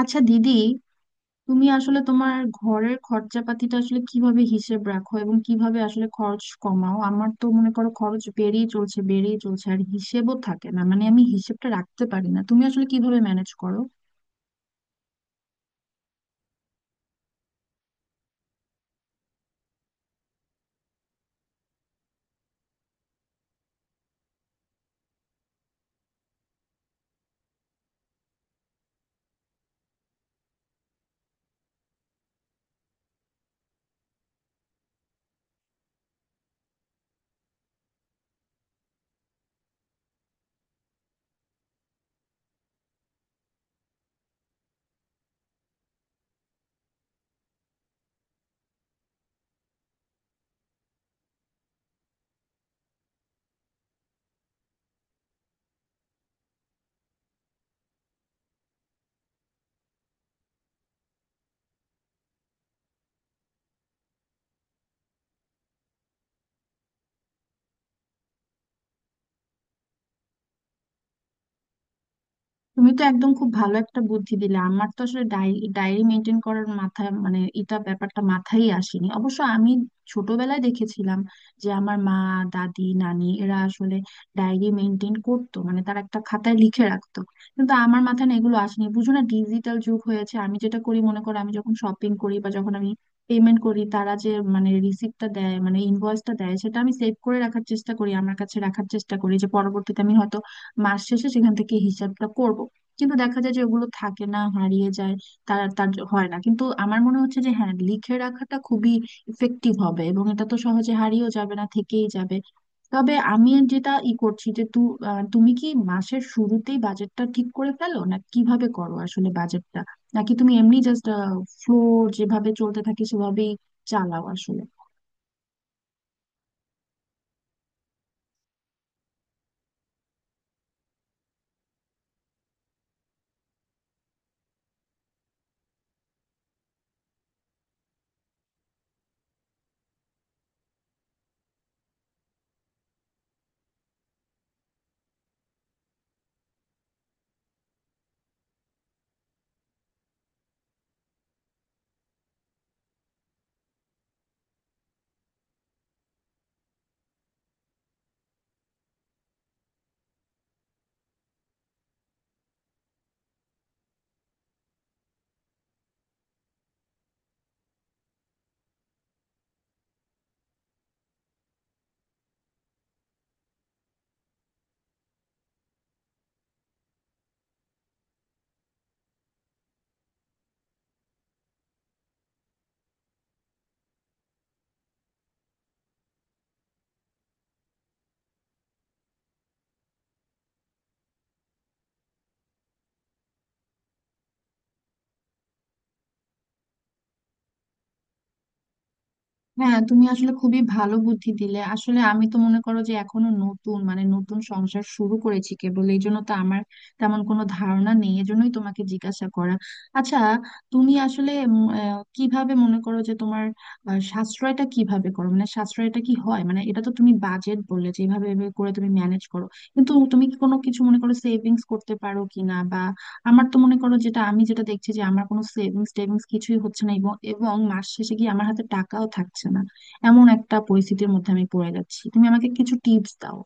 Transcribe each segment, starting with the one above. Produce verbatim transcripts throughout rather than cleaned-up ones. আচ্ছা দিদি, তুমি আসলে তোমার ঘরের খরচাপাতিটা আসলে কিভাবে হিসেব রাখো এবং কিভাবে আসলে খরচ কমাও? আমার তো মনে করো খরচ বেড়েই চলছে, বেড়েই চলছে, আর হিসেবও থাকে না। মানে আমি হিসেবটা রাখতে পারি না। তুমি আসলে কিভাবে ম্যানেজ করো? তুমি তো একদম খুব ভালো একটা বুদ্ধি দিলে। আমার তো আসলে ডায়েরি ডায়েরি মেনটেন করার মাথায় মানে এটা ব্যাপারটা মাথায় আসেনি। অবশ্য আমি ছোটবেলায় দেখেছিলাম যে আমার মা, দাদি, নানি এরা আসলে ডায়েরি মেনটেন করতো, মানে তারা একটা খাতায় লিখে রাখতো। কিন্তু আমার মাথায় না এগুলো আসেনি, বুঝো না ডিজিটাল যুগ হয়েছে। আমি যেটা করি, মনে করো আমি যখন শপিং করি বা যখন আমি পেমেন্ট করি, তারা যে মানে রিসিপ্টটা দেয়, মানে ইনভয়েসটা দেয়, সেটা আমি সেভ করে রাখার চেষ্টা করি, আমার কাছে রাখার চেষ্টা করি, যে পরবর্তীতে আমি হয়তো মাস শেষে সেখান থেকে হিসাবটা করব। কিন্তু দেখা যায় যে ওগুলো থাকে না, হারিয়ে যায়। তার তার জ- হয় না। কিন্তু আমার মনে হচ্ছে যে হ্যাঁ, লিখে রাখাটা খুবই ইফেক্টিভ হবে, এবং এটা তো সহজে হারিয়েও যাবে না, থেকেই যাবে। তবে আমি যেটা ই করছি যে তু আহ, তুমি কি মাসের শুরুতেই বাজেটটা ঠিক করে ফেলো, না কিভাবে করো আসলে বাজেটটা? নাকি তুমি এমনি জাস্ট ফ্লো, যেভাবে চলতে থাকে সেভাবেই চালাও আসলে? হ্যাঁ, তুমি আসলে খুবই ভালো বুদ্ধি দিলে। আসলে আমি তো মনে করো যে এখনো নতুন, মানে নতুন সংসার শুরু করেছি কেবল, এই জন্য তো আমার তেমন কোনো ধারণা নেই, এজন্যই তোমাকে জিজ্ঞাসা করা। আচ্ছা, তুমি আসলে উম, আহ, কিভাবে মনে করো যে তোমার আহ, সাশ্রয়টা কিভাবে করো, মানে সাশ্রয়টা কি হয়? মানে এটা তো তুমি বাজেট বললে যে এইভাবে এভাবে করে তুমি ম্যানেজ করো, কিন্তু তুমি কি কোনো কিছু মনে করো সেভিংস করতে পারো কিনা? আমার তো মনে করো যেটা আমি, যেটা দেখছি যে আমার কোনো সেভিংস টেভিংস কিছুই হচ্ছে না, এবং এবং মাস শেষে গিয়ে আমার হাতে টাকাও থাকছে না। এমন একটা পরিস্থিতির মধ্যে আমি পড়ে যাচ্ছি, তুমি আমাকে কিছু টিপস দাও।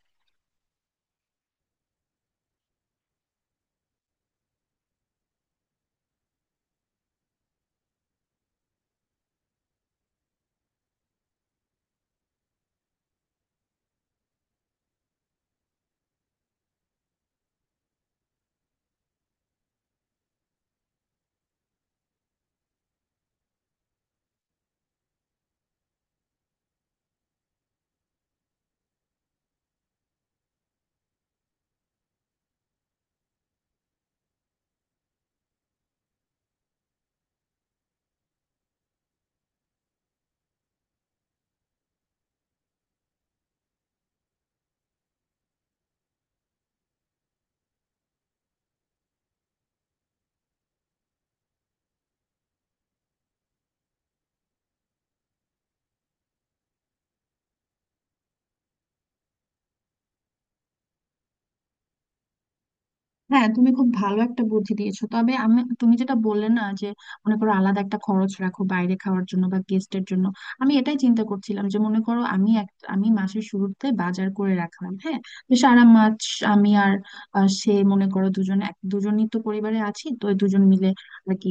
হ্যাঁ, তুমি খুব ভালো একটা বুদ্ধি দিয়েছো। তবে আমি, তুমি যেটা বললে না যে মনে করো আলাদা একটা খরচ রাখো বাইরে খাওয়ার জন্য বা গেস্টের জন্য, আমি এটাই চিন্তা করছিলাম যে মনে করো আমি এক, আমি মাসের শুরুতে বাজার করে রাখলাম, হ্যাঁ। তো সারা মাস আমি আর আহ, সে মনে করো দুজন, এক দুজনই তো পরিবারে আছি, তো এই দুজন মিলে আর কি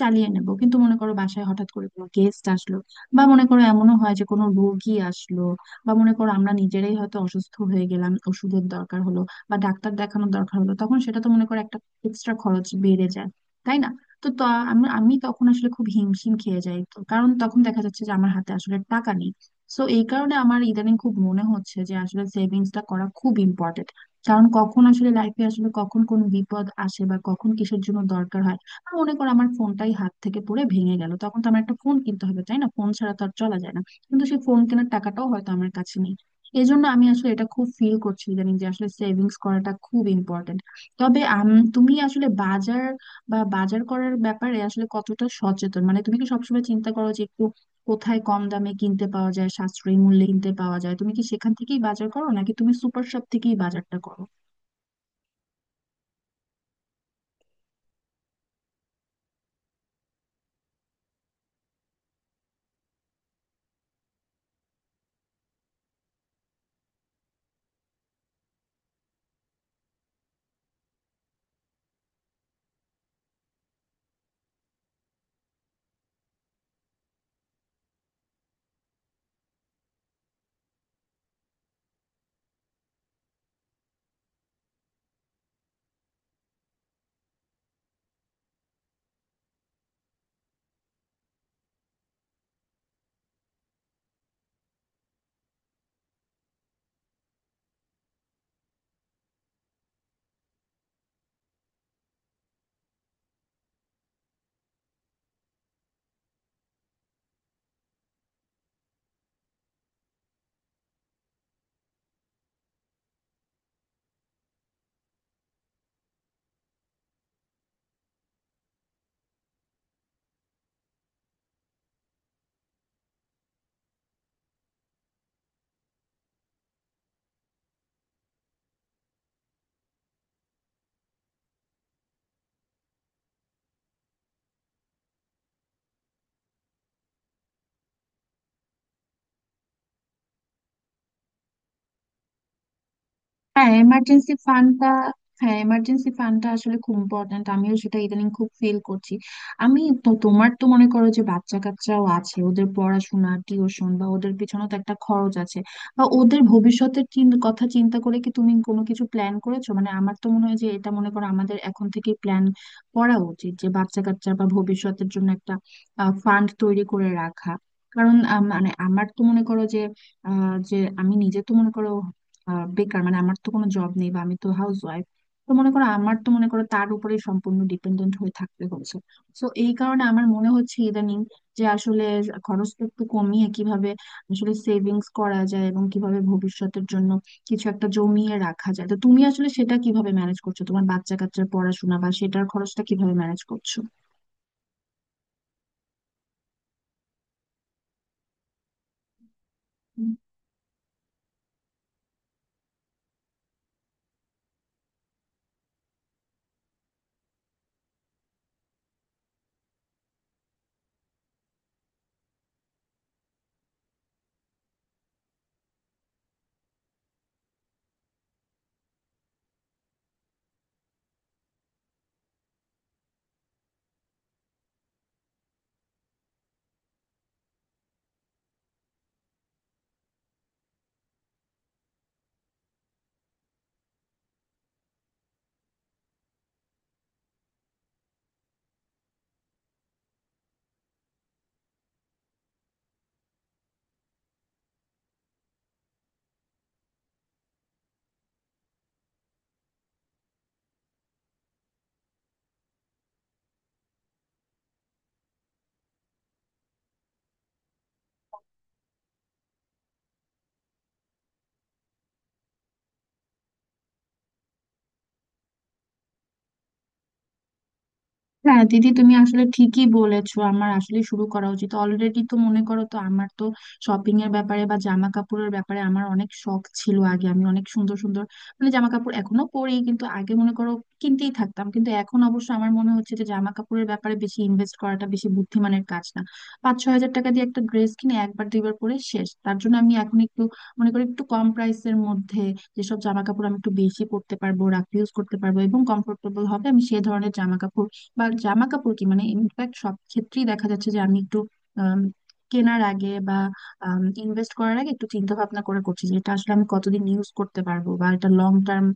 চালিয়ে নেবো। কিন্তু মনে করো বাসায় হঠাৎ করে কোনো গেস্ট আসলো, বা মনে করো এমনও হয় যে কোনো রোগী আসলো, বা মনে করো আমরা নিজেরাই হয়তো অসুস্থ হয়ে গেলাম, ওষুধের দরকার হলো, বা ডাক্তার দেখানোর দরকার হলো, তখন সেটা তো মনে করো একটা এক্সট্রা খরচ বেড়ে যায়, তাই না? তো তা- আমি আমি তখন আসলে খুব হিমশিম খেয়ে যাই। তো কারণ তখন দেখা যাচ্ছে যে আমার হাতে আসলে টাকা নেই। সো এই কারণে আমার ইদানিং খুব মনে হচ্ছে যে আসলে সেভিংসটা করা খুব ইম্পর্টেন্ট, কারণ কখন আসলে লাইফে আসলে কখন কোন বিপদ আসে বা কখন কিসের জন্য দরকার হয়। আর মনে করো আমার ফোনটাই হাত থেকে পড়ে ভেঙে গেল, তখন তো আমার একটা ফোন কিনতে হবে, তাই না? ফোন ছাড়া তো আর চলা যায় না। কিন্তু সেই ফোন কেনার টাকাটাও হয়তো আমার কাছে নেই। এজন্য আমি আসলে এটা খুব ফিল করছি ইদানিং যে আসলে সেভিংস করাটা খুব ইম্পর্টেন্ট। তবে আম, তুমি আসলে বাজার বা বাজার করার ব্যাপারে আসলে কতটা সচেতন? মানে তুমি কি সবসময় চিন্তা করো যে একটু কোথায় কম দামে কিনতে পাওয়া যায়, সাশ্রয়ী মূল্যে কিনতে পাওয়া যায়, তুমি কি সেখান থেকেই বাজার করো নাকি তুমি সুপার শপ থেকেই বাজারটা করো? হ্যাঁ, এমার্জেন্সি ফান্ডটা। হ্যাঁ, এমার্জেন্সি ফান্ডটা আসলে খুব ইম্পর্ট্যান্ট, আমিও সেটা ইদানিং খুব ফিল করছি। আমি তো, তোমার তো মনে করো যে বাচ্চা কাচ্চাও আছে, ওদের পড়াশোনা, টিউশন বা ওদের পিছনেও তো একটা খরচ আছে। বা ওদের ভবিষ্যতের চিন- কথা চিন্তা করে কি তুমি কোনো কিছু প্ল্যান করেছো? মানে আমার তো মনে হয় যে এটা মনে করো আমাদের এখন থেকে প্ল্যান করা উচিত যে বাচ্চা কাচ্চা বা ভবিষ্যতের জন্য একটা ফান্ড তৈরি করে রাখা। কারণ আহ, মানে আমার তো মনে করো যে আহ যে আমি নিজে তো মনে করো আহ, বেকার, মানে আমার তো কোনো জব নেই, বা আমি তো হাউস ওয়াইফ। তো মনে করো আমার তো মনে করো তার উপরে সম্পূর্ণ ডিপেন্ডেন্ট হয়ে থাকতে হচ্ছে। তো এই কারণে আমার মনে হচ্ছে ইদানিং যে আসলে খরচটা একটু কমিয়ে কিভাবে আসলে সেভিংস করা যায় এবং কিভাবে ভবিষ্যতের জন্য কিছু একটা জমিয়ে রাখা যায়। তো তুমি আসলে সেটা কিভাবে ম্যানেজ করছো, তোমার বাচ্চা কাচ্চার পড়াশোনা বা সেটার খরচটা কিভাবে ম্যানেজ করছো? হ্যাঁ দিদি, তুমি আসলে ঠিকই বলেছো, আমার আসলে শুরু করা উচিত অলরেডি। তো মনে করো, তো আমার তো শপিং এর ব্যাপারে বা জামা কাপড়ের ব্যাপারে আমার অনেক শখ ছিল আগে, আমি অনেক সুন্দর সুন্দর মানে জামা কাপড় এখনো পরি, কিন্তু আগে মনে করো কিনতেই থাকতাম। কিন্তু এখন অবশ্য আমার মনে হচ্ছে যে জামা কাপড়ের ব্যাপারে বেশি ইনভেস্ট করাটা বেশি বুদ্ধিমানের কাজ না। পাঁচ ছয় হাজার টাকা দিয়ে একটা ড্রেস কিনে একবার দুইবার পরে শেষ, তার জন্য আমি এখন একটু মনে করি একটু কম প্রাইসের মধ্যে যেসব জামা কাপড় আমি একটু বেশি পরতে পারবো, রাখ ইউজ করতে পারবো এবং কমফোর্টেবল হবে, আমি সেই ধরনের জামা কাপড়, বা জামা কাপড় কি মানে ইনফ্যাক্ট সব ক্ষেত্রেই দেখা যাচ্ছে যে আমি একটু আম, কেনার আগে বা ইনভেস্ট করার আগে একটু চিন্তা ভাবনা করে করছি যে এটা আসলে আমি কতদিন ইউজ করতে পারবো বা এটা লং টার্ম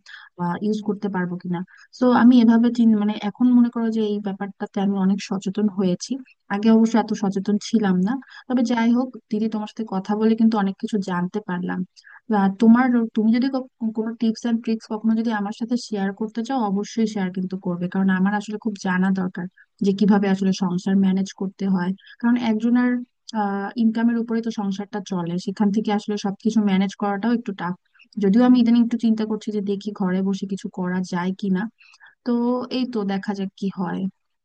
ইউজ করতে পারবো কিনা। তো আমি এভাবে চিন- মানে এখন মনে করো যে এই ব্যাপারটাতে আমি অনেক সচেতন হয়েছি, আগে অবশ্য এত সচেতন ছিলাম না। তবে যাই হোক দিদি, তোমার সাথে কথা বলে কিন্তু অনেক কিছু জানতে পারলাম। বা তোমার, তুমি যদি কক- কোনো টিপস এন্ড ট্রিক্স কখনো যদি আমার সাথে শেয়ার করতে চাও, অবশ্যই শেয়ার কিন্তু করবে, কারণ আমার আসলে খুব জানা দরকার যে কিভাবে আসলে সংসার ম্যানেজ করতে হয়। কারণ একজনের ইনকামের উপরে তো সংসারটা চলে, সেখান থেকে আসলে সবকিছু ম্যানেজ করাটাও একটু টাফ। যদিও আমি ইদানিং একটু চিন্তা করছি যে দেখি ঘরে বসে কিছু করা যায় কিনা। তো এই, তো দেখা যাক কি হয়।